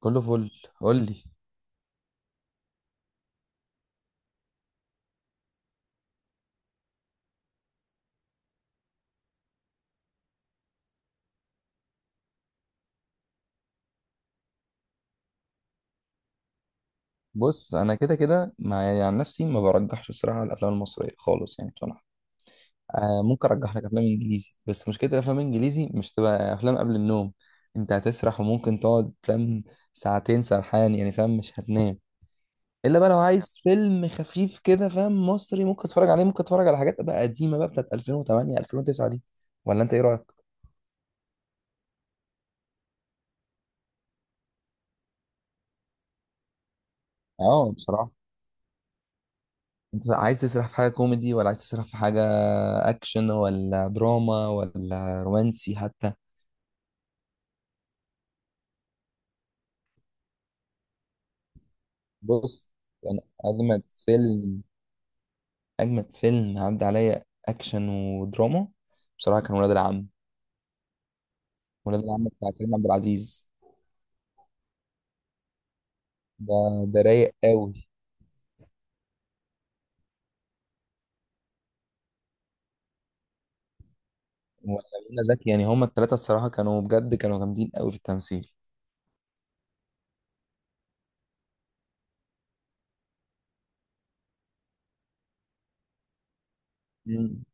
كله فل. قول لي. بص، انا كده كده مع يعني عن نفسي ما برجحش الصراحه الافلام المصريه خالص يعني بصراحه. آه، ممكن ارجح لك افلام انجليزي، بس مشكله الافلام الانجليزي مش تبقى افلام قبل النوم. انت هتسرح وممكن تقعد، فاهم، ساعتين سرحان يعني، فاهم، مش هتنام. الا بقى لو عايز فيلم خفيف كده، فاهم، مصري، ممكن تتفرج عليه، ممكن تتفرج على حاجات بقى قديمه بقى بتاعت 2008 2009 دي. ولا انت ايه رايك؟ اه، بصراحه، انت عايز تسرح في حاجة كوميدي ولا عايز تسرح في حاجة اكشن ولا دراما ولا رومانسي حتى؟ بص، يعني اجمد فيلم اجمد فيلم عدى عليا اكشن ودراما، بصراحة كان ولاد العم. ولاد العم بتاع كريم عبد العزيز. ده ده رايق قوي. ولا منى زكي، يعني هما التلاتة الصراحة كانوا بجد كانوا جامدين قوي في التمثيل. مم.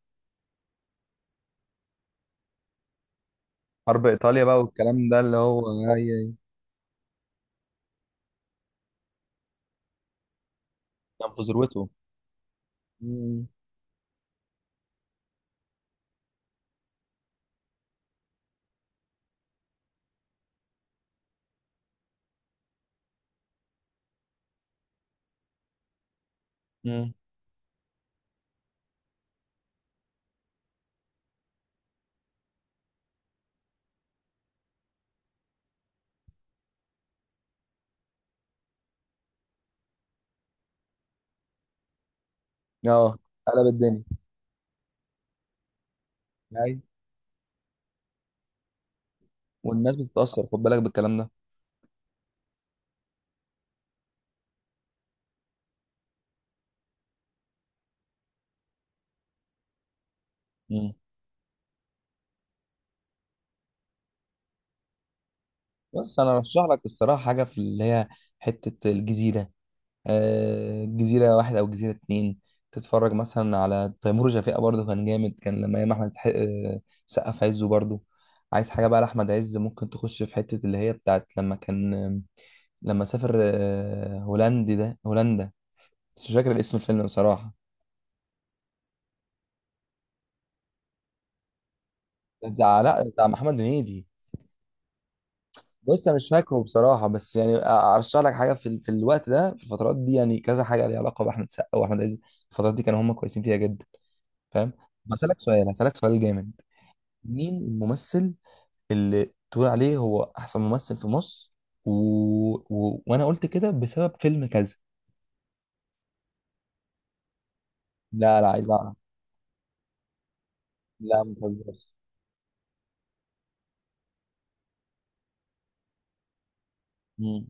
حرب ايطاليا بقى والكلام ده، اللي هو كان في ذروته. مم. مم. اه. قلب الدنيا، والناس بتتأثر، خد بالك بالكلام ده. مم. بس انا ارشح لك الصراحه حاجه في اللي هي حته الجزيره. آه، جزيره واحد او جزيره اتنين. تتفرج مثلا على تيمور وشفيقة، برضه كان جامد، كان لما ايام احمد حق- آه، سقا في عزه برضه. عايز حاجه بقى لاحمد عز، ممكن تخش في حته اللي هي بتاعت لما كان، لما سافر، هولندي ده هولندا، بس مش فاكر الاسم الفيلم بصراحه. بتاع لا بتاع محمد هنيدي. بص انا مش فاكره بصراحه، بس يعني ارشح لك حاجه في الوقت ده، في الفترات دي، يعني كذا حاجه ليها علاقه باحمد سقا واحمد عز. الفترات دي كانوا هم كويسين فيها جدا. فاهم؟ بسالك سؤال هسالك سؤال جامد. مين الممثل اللي تقول عليه هو احسن ممثل في مصر؟ و... و... وانا قلت كده بسبب فيلم كذا. لا لا، عايز اعرف. لا، ما تهزرش. مم.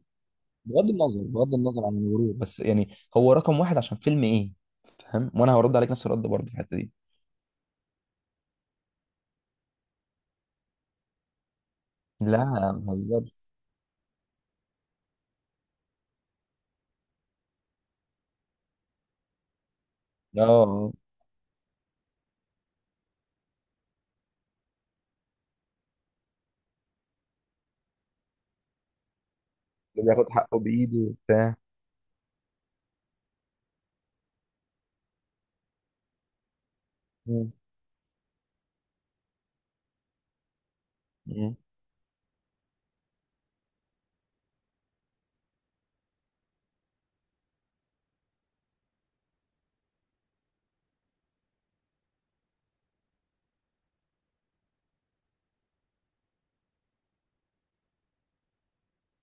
بغض النظر عن الغرور، بس يعني هو رقم واحد عشان فيلم ايه؟ فاهم؟ وانا هرد عليك نفس الرد برضه في الحته دي. لا، ما تهزرش. اه. آه. اللي بياخد حقه بايده وبتاع. مم. مم.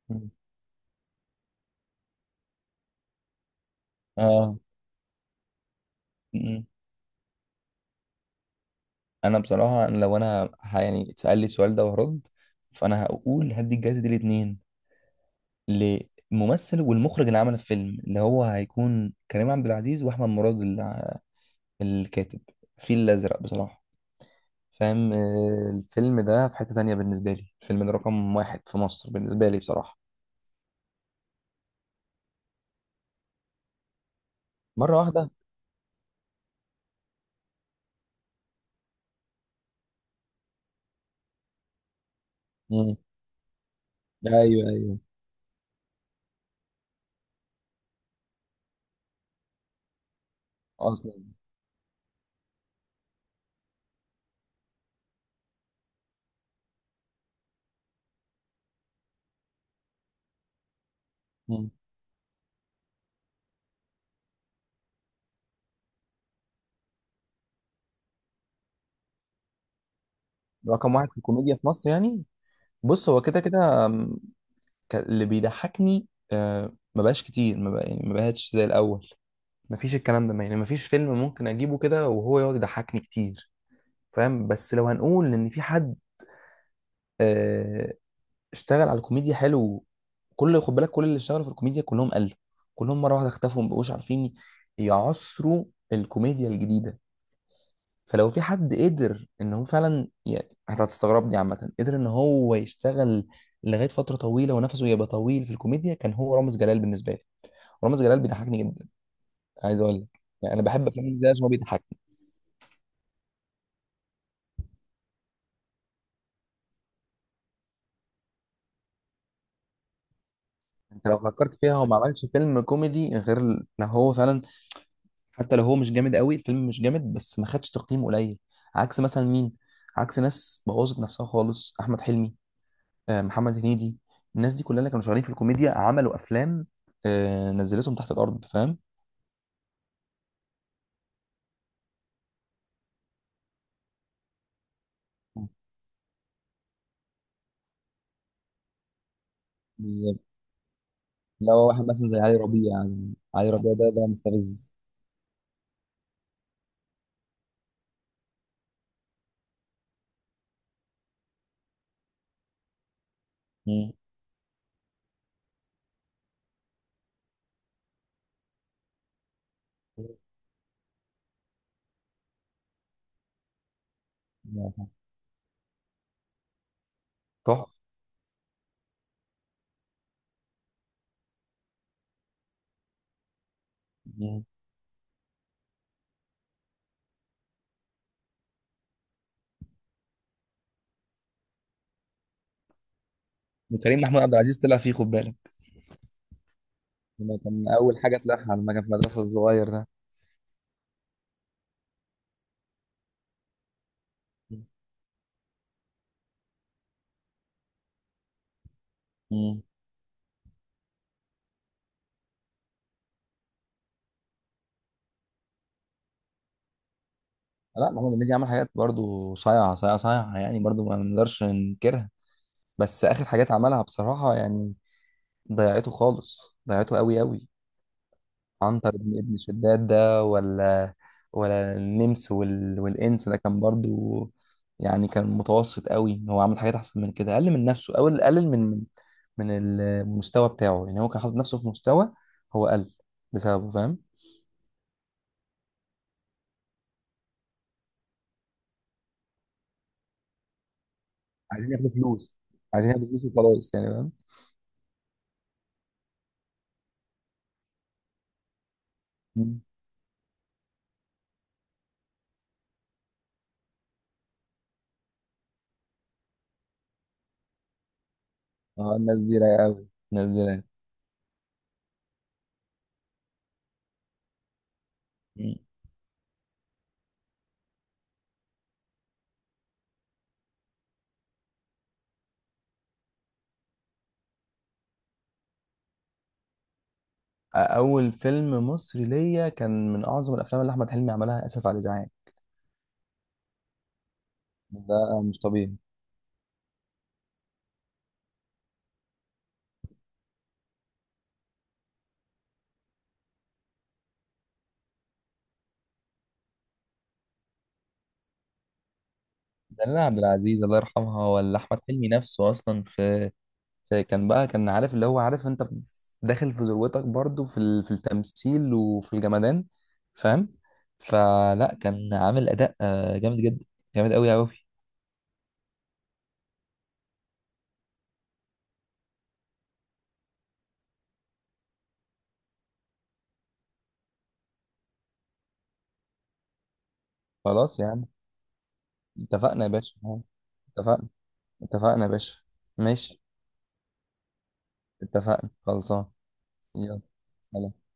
مم. اه. مم. انا بصراحه، أنا لو انا ه- يعني اتسال لي السؤال ده وهرد، فانا هقول هدي الجائزه دي الاثنين، للممثل والمخرج اللي عمل الفيلم، اللي هو هيكون كريم عبد العزيز واحمد مراد، الكاتب. الفيل الازرق بصراحه. فاهم؟ الفيلم ده في حته تانية بالنسبه لي، الفيلم ده رقم واحد في مصر بالنسبه لي بصراحه. مره واحده. مم. ايوه ايوه، اصلا. مم. رقم واحد في الكوميديا في مصر يعني؟ بص، هو كده كده اللي بيضحكني ما بقاش كتير، ما بقى يعني، ما بقاش زي الاول. ما فيش الكلام ده، يعني ما فيش فيلم ممكن اجيبه كده وهو يقعد يضحكني كتير. فاهم؟ بس لو هنقول ان في حد آه، اشتغل على الكوميديا حلو، خد بالك، كل اللي اشتغلوا في الكوميديا كلهم قالوا، كلهم مره واحده اختفوا، ما بقوش عارفين يعصروا الكوميديا الجديده. فلو في حد قدر ان هو فعلا، يعني انت هتستغربني عامه، قدر ان هو يشتغل لغايه فتره طويله ونفسه يبقى طويل في الكوميديا، كان هو رامز جلال بالنسبه لي. رامز جلال بيضحكني جدا. عايز اقول لك يعني انا بحب افلام رامز جلال عشان هو بيضحكني. انت لو فكرت فيها، هو ما عملش فيلم كوميدي غير ال- لو هو فعلا، حتى لو هو مش جامد قوي الفيلم، مش جامد بس ما خدش تقييم قليل. عكس مثلا مين؟ عكس ناس بوظت نفسها خالص، احمد حلمي، محمد هنيدي. الناس دي كلها اللي كانوا شغالين في الكوميديا عملوا افلام، نزلتهم تحت الارض. فاهم؟ بالظبط. لو واحد مثلا زي علي ربيع، يعني علي ربيع ده مستفز. مم. الله يرحمه. تحفة. مم. وكريم محمود عبد العزيز طلع فيه، خد بالك، لما كان اول حاجه طلعها، لما كان في المدرسه الصغير ده. مم. لا، محمود هنيدي عمل حاجات برضو صايعه صايعه صايعه، يعني برضو ما نقدرش ننكرها. بس اخر حاجات عملها بصراحه يعني ضيعته خالص، ضيعته قوي قوي. عنتر ابن شداد ده، ولا والإنس ده، كان برضو يعني كان متوسط قوي. هو عمل حاجات أحسن من كده، أقل من نفسه أو أقل من من المستوى بتاعه. يعني هو كان حاطط نفسه في مستوى، هو قل بسببه. فاهم؟ عايزين ياخدوا فلوس. عايزين ياخدوا فلوس وخلاص يعني. فاهم؟ مم. اه، الناس دي رايقة قوي، الناس دي رايقة. مم. أول فيلم مصري ليا كان من أعظم الأفلام اللي أحمد حلمي عملها، آسف على الإزعاج. ده مش طبيعي. دلال عبد العزيز الله يرحمها، ولا احمد حلمي نفسه اصلا، في, في كان بقى كان عارف، اللي هو، عارف انت داخل في ذروتك برضو في في التمثيل وفي الجمدان. فاهم؟ فلا كان عامل اداء جامد جدا، جامد قوي قوي. خلاص يا عم، اتفقنا يا باشا. اتفقنا. اتفقنا يا باشا. ماشي، اتفقنا خلصان. يلا سلام.